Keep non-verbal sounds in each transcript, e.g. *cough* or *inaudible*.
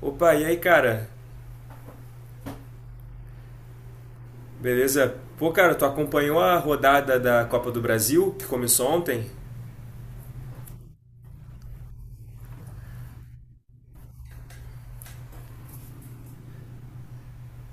Opa, e aí, cara? Beleza? Pô, cara, tu acompanhou a rodada da Copa do Brasil, que começou ontem?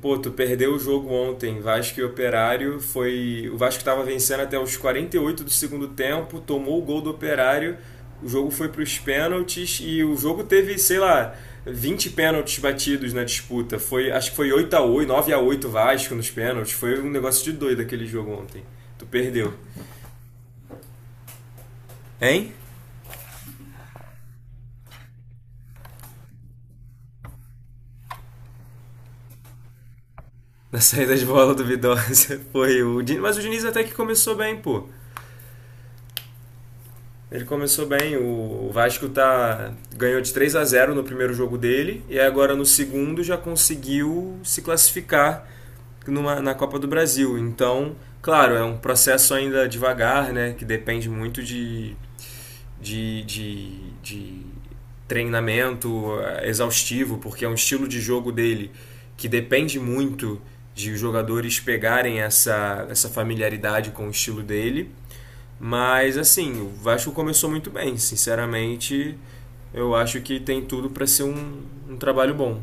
Pô, tu perdeu o jogo ontem, Vasco e Operário, foi... O Vasco tava vencendo até os 48 do segundo tempo, tomou o gol do Operário, o jogo foi pros pênaltis e o jogo teve, sei lá, 20 pênaltis batidos na disputa. Foi, acho que foi 8 a 8, 9 a 8 Vasco nos pênaltis. Foi um negócio de doido aquele jogo ontem. Tu perdeu. Hein? Na saída de bola duvidosa *laughs* foi o Diniz. Mas o Diniz até que começou bem, pô. Ele começou bem, o Vasco tá ganhou de 3 a zero no primeiro jogo dele e agora no segundo já conseguiu se classificar numa, na Copa do Brasil. Então, claro, é um processo ainda devagar, né, que depende muito de treinamento exaustivo, porque é um estilo de jogo dele que depende muito de os jogadores pegarem essa, essa familiaridade com o estilo dele. Mas assim, o Vasco começou muito bem, sinceramente, eu acho que tem tudo para ser um, um trabalho bom.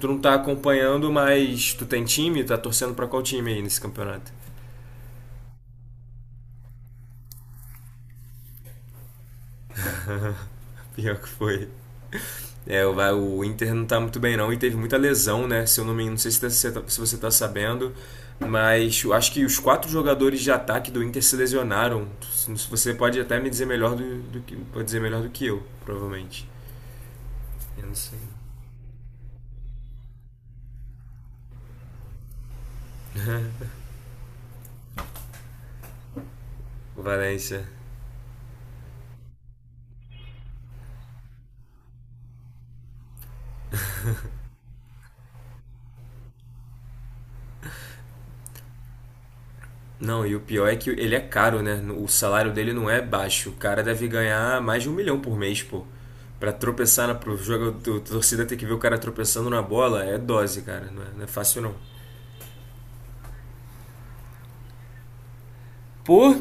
Tu não tá acompanhando, mas tu tem time, tá torcendo para qual time aí nesse campeonato? Pior que foi. É, o Inter não tá muito bem não e teve muita lesão, né? Se eu não me, não sei se, você tá sabendo, mas eu acho que os quatro jogadores de ataque do Inter se lesionaram. Você pode até me dizer melhor do que pode dizer melhor do que eu, provavelmente. Eu não sei. O Valencia. Não, e o pior é que ele é caro, né? O salário dele não é baixo. O cara deve ganhar mais de um milhão por mês, pô. Pra tropeçar na, pro jogo, a torcida ter que ver o cara tropeçando na bola é dose, cara. Não é fácil não. Por.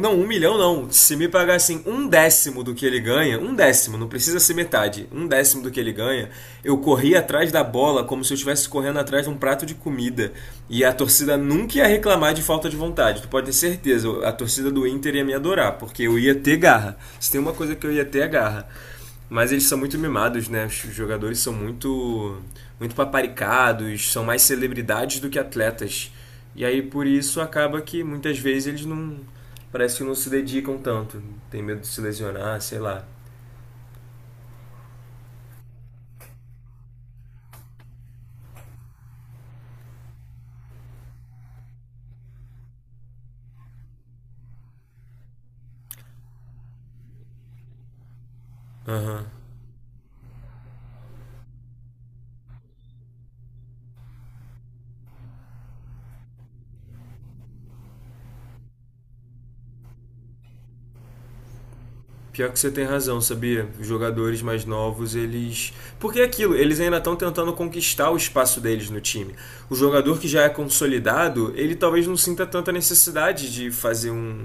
Não, um milhão não. Se me pagassem um décimo do que ele ganha, um décimo, não precisa ser metade, um décimo do que ele ganha, eu corria atrás da bola como se eu estivesse correndo atrás de um prato de comida. E a torcida nunca ia reclamar de falta de vontade. Tu pode ter certeza, a torcida do Inter ia me adorar, porque eu ia ter garra. Se tem uma coisa que eu ia ter é garra. Mas eles são muito mimados, né? Os jogadores são muito, muito paparicados, são mais celebridades do que atletas. E aí por isso acaba que muitas vezes eles não. Parece que não se dedicam tanto. Tem medo de se lesionar, sei lá. Pior que você tem razão, sabia? Os jogadores mais novos, eles. Porque é aquilo, eles ainda estão tentando conquistar o espaço deles no time. O jogador que já é consolidado, ele talvez não sinta tanta necessidade de fazer um.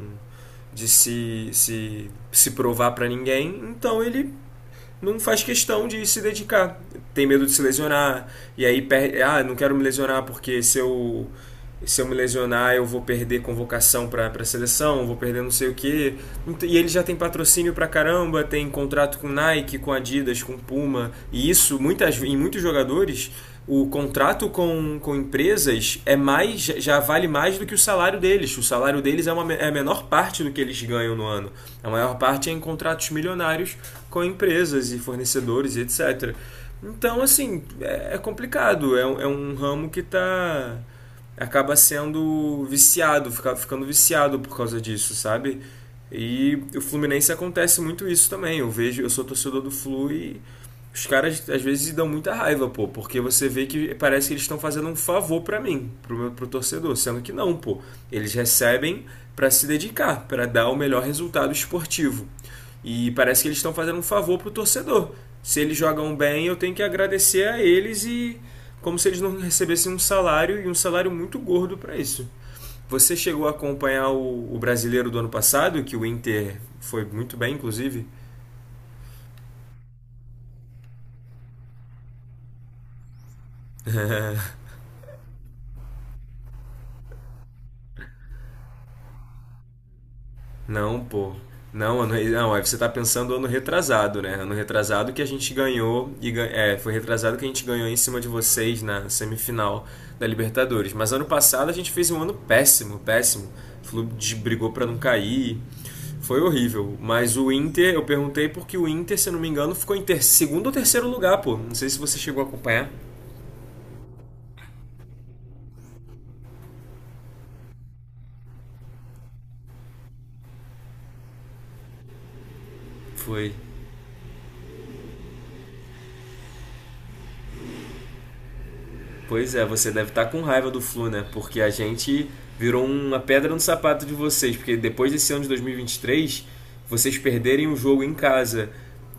De se provar pra ninguém, então ele não faz questão de se dedicar. Tem medo de se lesionar, e aí perde. Ah, não quero me lesionar porque se eu me lesionar eu vou perder convocação para a seleção, vou perder não sei o que E ele já tem patrocínio pra caramba, tem contrato com Nike, com Adidas, com Puma, e isso muitas, em muitos jogadores o contrato com empresas é mais já vale mais do que o salário deles. O salário deles é, uma, é a menor parte do que eles ganham no ano. A maior parte é em contratos milionários com empresas e fornecedores e etc. Então, assim, é complicado. É um ramo que tá acaba sendo viciado, fica, ficando viciado por causa disso, sabe? E o Fluminense acontece muito isso também. Eu vejo, eu sou torcedor do Flu e os caras às vezes dão muita raiva, pô, porque você vê que parece que eles estão fazendo um favor pra mim, pro torcedor, sendo que não, pô. Eles recebem pra se dedicar, pra dar o melhor resultado esportivo. E parece que eles estão fazendo um favor pro torcedor. Se eles jogam bem, eu tenho que agradecer a eles e como se eles não recebessem um salário e um salário muito gordo pra isso. Você chegou a acompanhar o brasileiro do ano passado, que o Inter foi muito bem, inclusive? Não, pô. Não, ano, não, aí você tá pensando ano retrasado, né? Ano retrasado que a gente ganhou e é, foi retrasado que a gente ganhou em cima de vocês na semifinal da Libertadores. Mas ano passado a gente fez um ano péssimo, péssimo. O clube brigou pra não cair. Foi horrível. Mas o Inter, eu perguntei porque o Inter, se eu não me engano, ficou em segundo ou terceiro lugar, pô. Não sei se você chegou a acompanhar. Foi. Pois é, você deve estar com raiva do Flu, né? Porque a gente virou uma pedra no sapato de vocês, porque depois desse ano de 2023, vocês perderem o jogo em casa.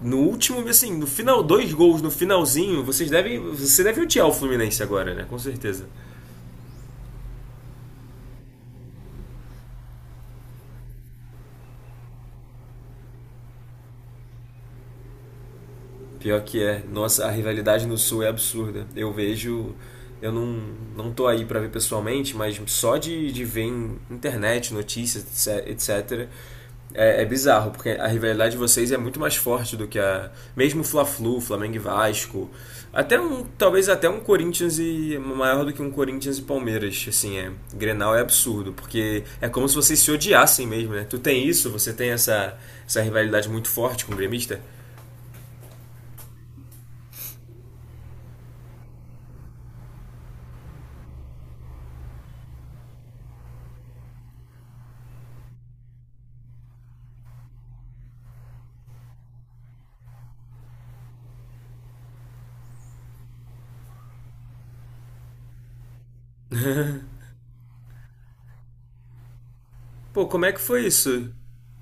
No último, assim, no final, dois gols no finalzinho, vocês devem, você deve odiar o Fluminense agora, né? Com certeza. Pior que é. Nossa, a rivalidade no Sul é absurda. Eu vejo. Eu não, não tô aí pra ver pessoalmente, mas só de ver em internet, notícias, etc. É, é bizarro, porque a rivalidade de vocês é muito mais forte do que a. Mesmo Fla-Flu, Flamengo e Vasco. Até um. Talvez até um Corinthians e. Maior do que um Corinthians e Palmeiras. Assim, é. Grenal é absurdo, porque é como se vocês se odiassem mesmo, né? Tu tem isso, você tem essa, essa rivalidade muito forte com o gremista? Pô, como é que foi isso?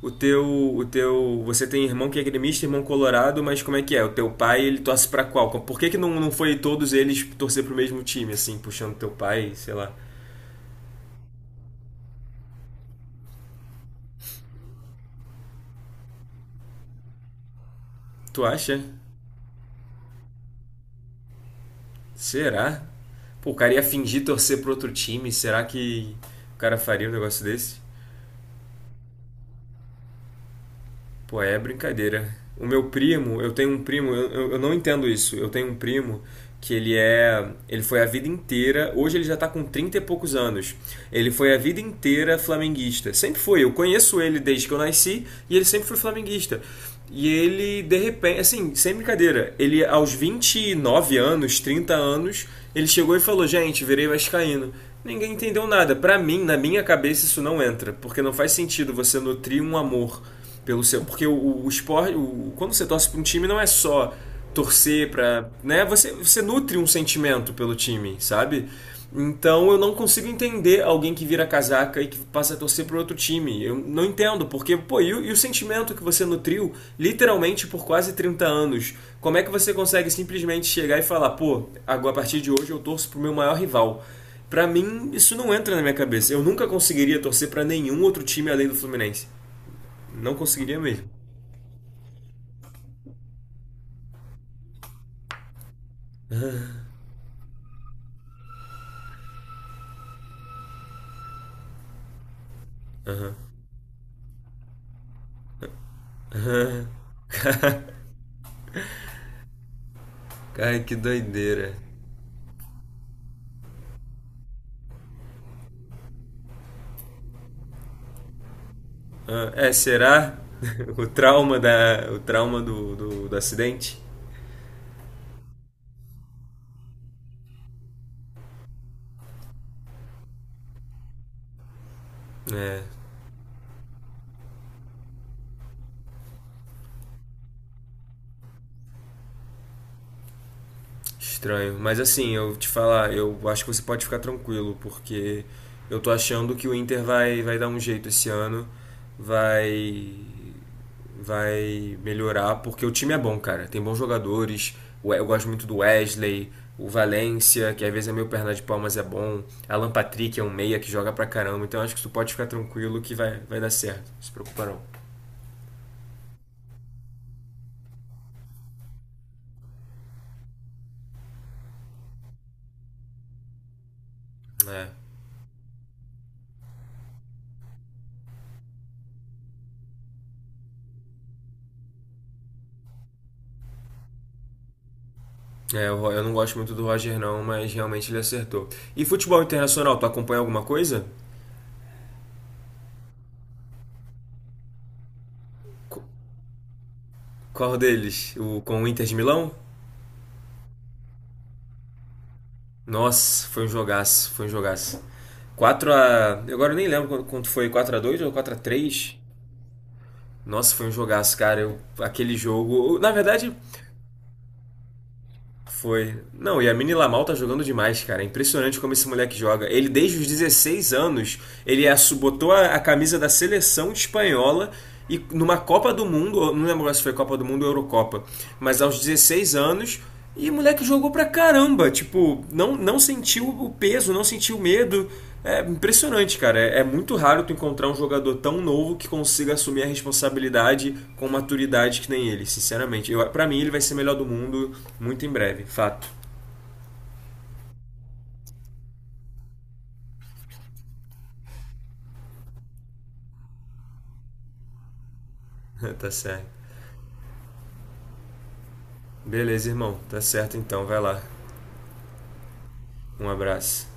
O teu, o teu, você tem irmão que é gremista, irmão colorado, mas como é que é? O teu pai, ele torce pra qual? Por que que não, não foi todos eles torcer pro mesmo time, assim, puxando teu pai, sei lá? Tu acha? Será? Pô, o cara ia fingir torcer pro outro time, será que o cara faria um negócio desse? Pô, é brincadeira. O meu primo, eu tenho um primo, eu não entendo isso. Eu tenho um primo que ele é, ele foi a vida inteira, hoje ele já tá com 30 e poucos anos. Ele foi a vida inteira flamenguista. Sempre foi, eu conheço ele desde que eu nasci e ele sempre foi flamenguista. E ele, de repente, assim, sem brincadeira, ele aos 29 anos, 30 anos, ele chegou e falou: "Gente, virei vascaíno". Ninguém entendeu nada. Pra mim, na minha cabeça, isso não entra, porque não faz sentido você nutrir um amor pelo seu, porque o esporte, quando você torce para um time não é só torcer para, né? Você nutre um sentimento pelo time, sabe? Então eu não consigo entender alguém que vira casaca e que passa a torcer para outro time. Eu não entendo, porque, pô, e o sentimento que você nutriu literalmente por quase 30 anos? Como é que você consegue simplesmente chegar e falar, pô, agora a partir de hoje eu torço pro meu maior rival? Pra mim, isso não entra na minha cabeça. Eu nunca conseguiria torcer pra nenhum outro time além do Fluminense. Não conseguiria mesmo. Cara, que doideira. Ah, é, será *laughs* o trauma da, o trauma do acidente? É, estranho. Mas assim, eu te falar, eu acho que você pode ficar tranquilo, porque eu tô achando que o Inter vai dar um jeito esse ano, vai vai melhorar, porque o time é bom, cara. Tem bons jogadores. Eu gosto muito do Wesley, o Valencia que às vezes é meio perna de pau, mas é bom. Alan Patrick é um meia que joga pra caramba. Então acho que tu pode ficar tranquilo que vai dar certo. Não se preocupa não. É. É, eu não gosto muito do Roger não, mas realmente ele acertou. E futebol internacional, tu acompanha alguma coisa? Qu- Qual deles? O com o Inter de Milão? Nossa, foi um jogaço, foi um jogaço. Quatro a, agora eu nem lembro quanto foi, 4 a 2 ou 4 a três. Nossa, foi um jogaço, cara. Eu, aquele jogo. Na verdade, foi. Não, e a Mini Lamal tá jogando demais, cara. É impressionante como esse moleque joga. Ele, desde os 16 anos, ele botou a camisa da seleção espanhola e numa Copa do Mundo, não lembro se foi Copa do Mundo ou Eurocopa, mas aos 16 anos. E o moleque jogou pra caramba, tipo, não sentiu o peso, não sentiu o medo. É impressionante, cara. É, é muito raro tu encontrar um jogador tão novo que consiga assumir a responsabilidade com maturidade que nem ele, sinceramente. Pra mim, ele vai ser melhor do mundo muito em breve, fato. *laughs* Tá certo. Beleza, irmão. Tá certo então, vai lá. Um abraço.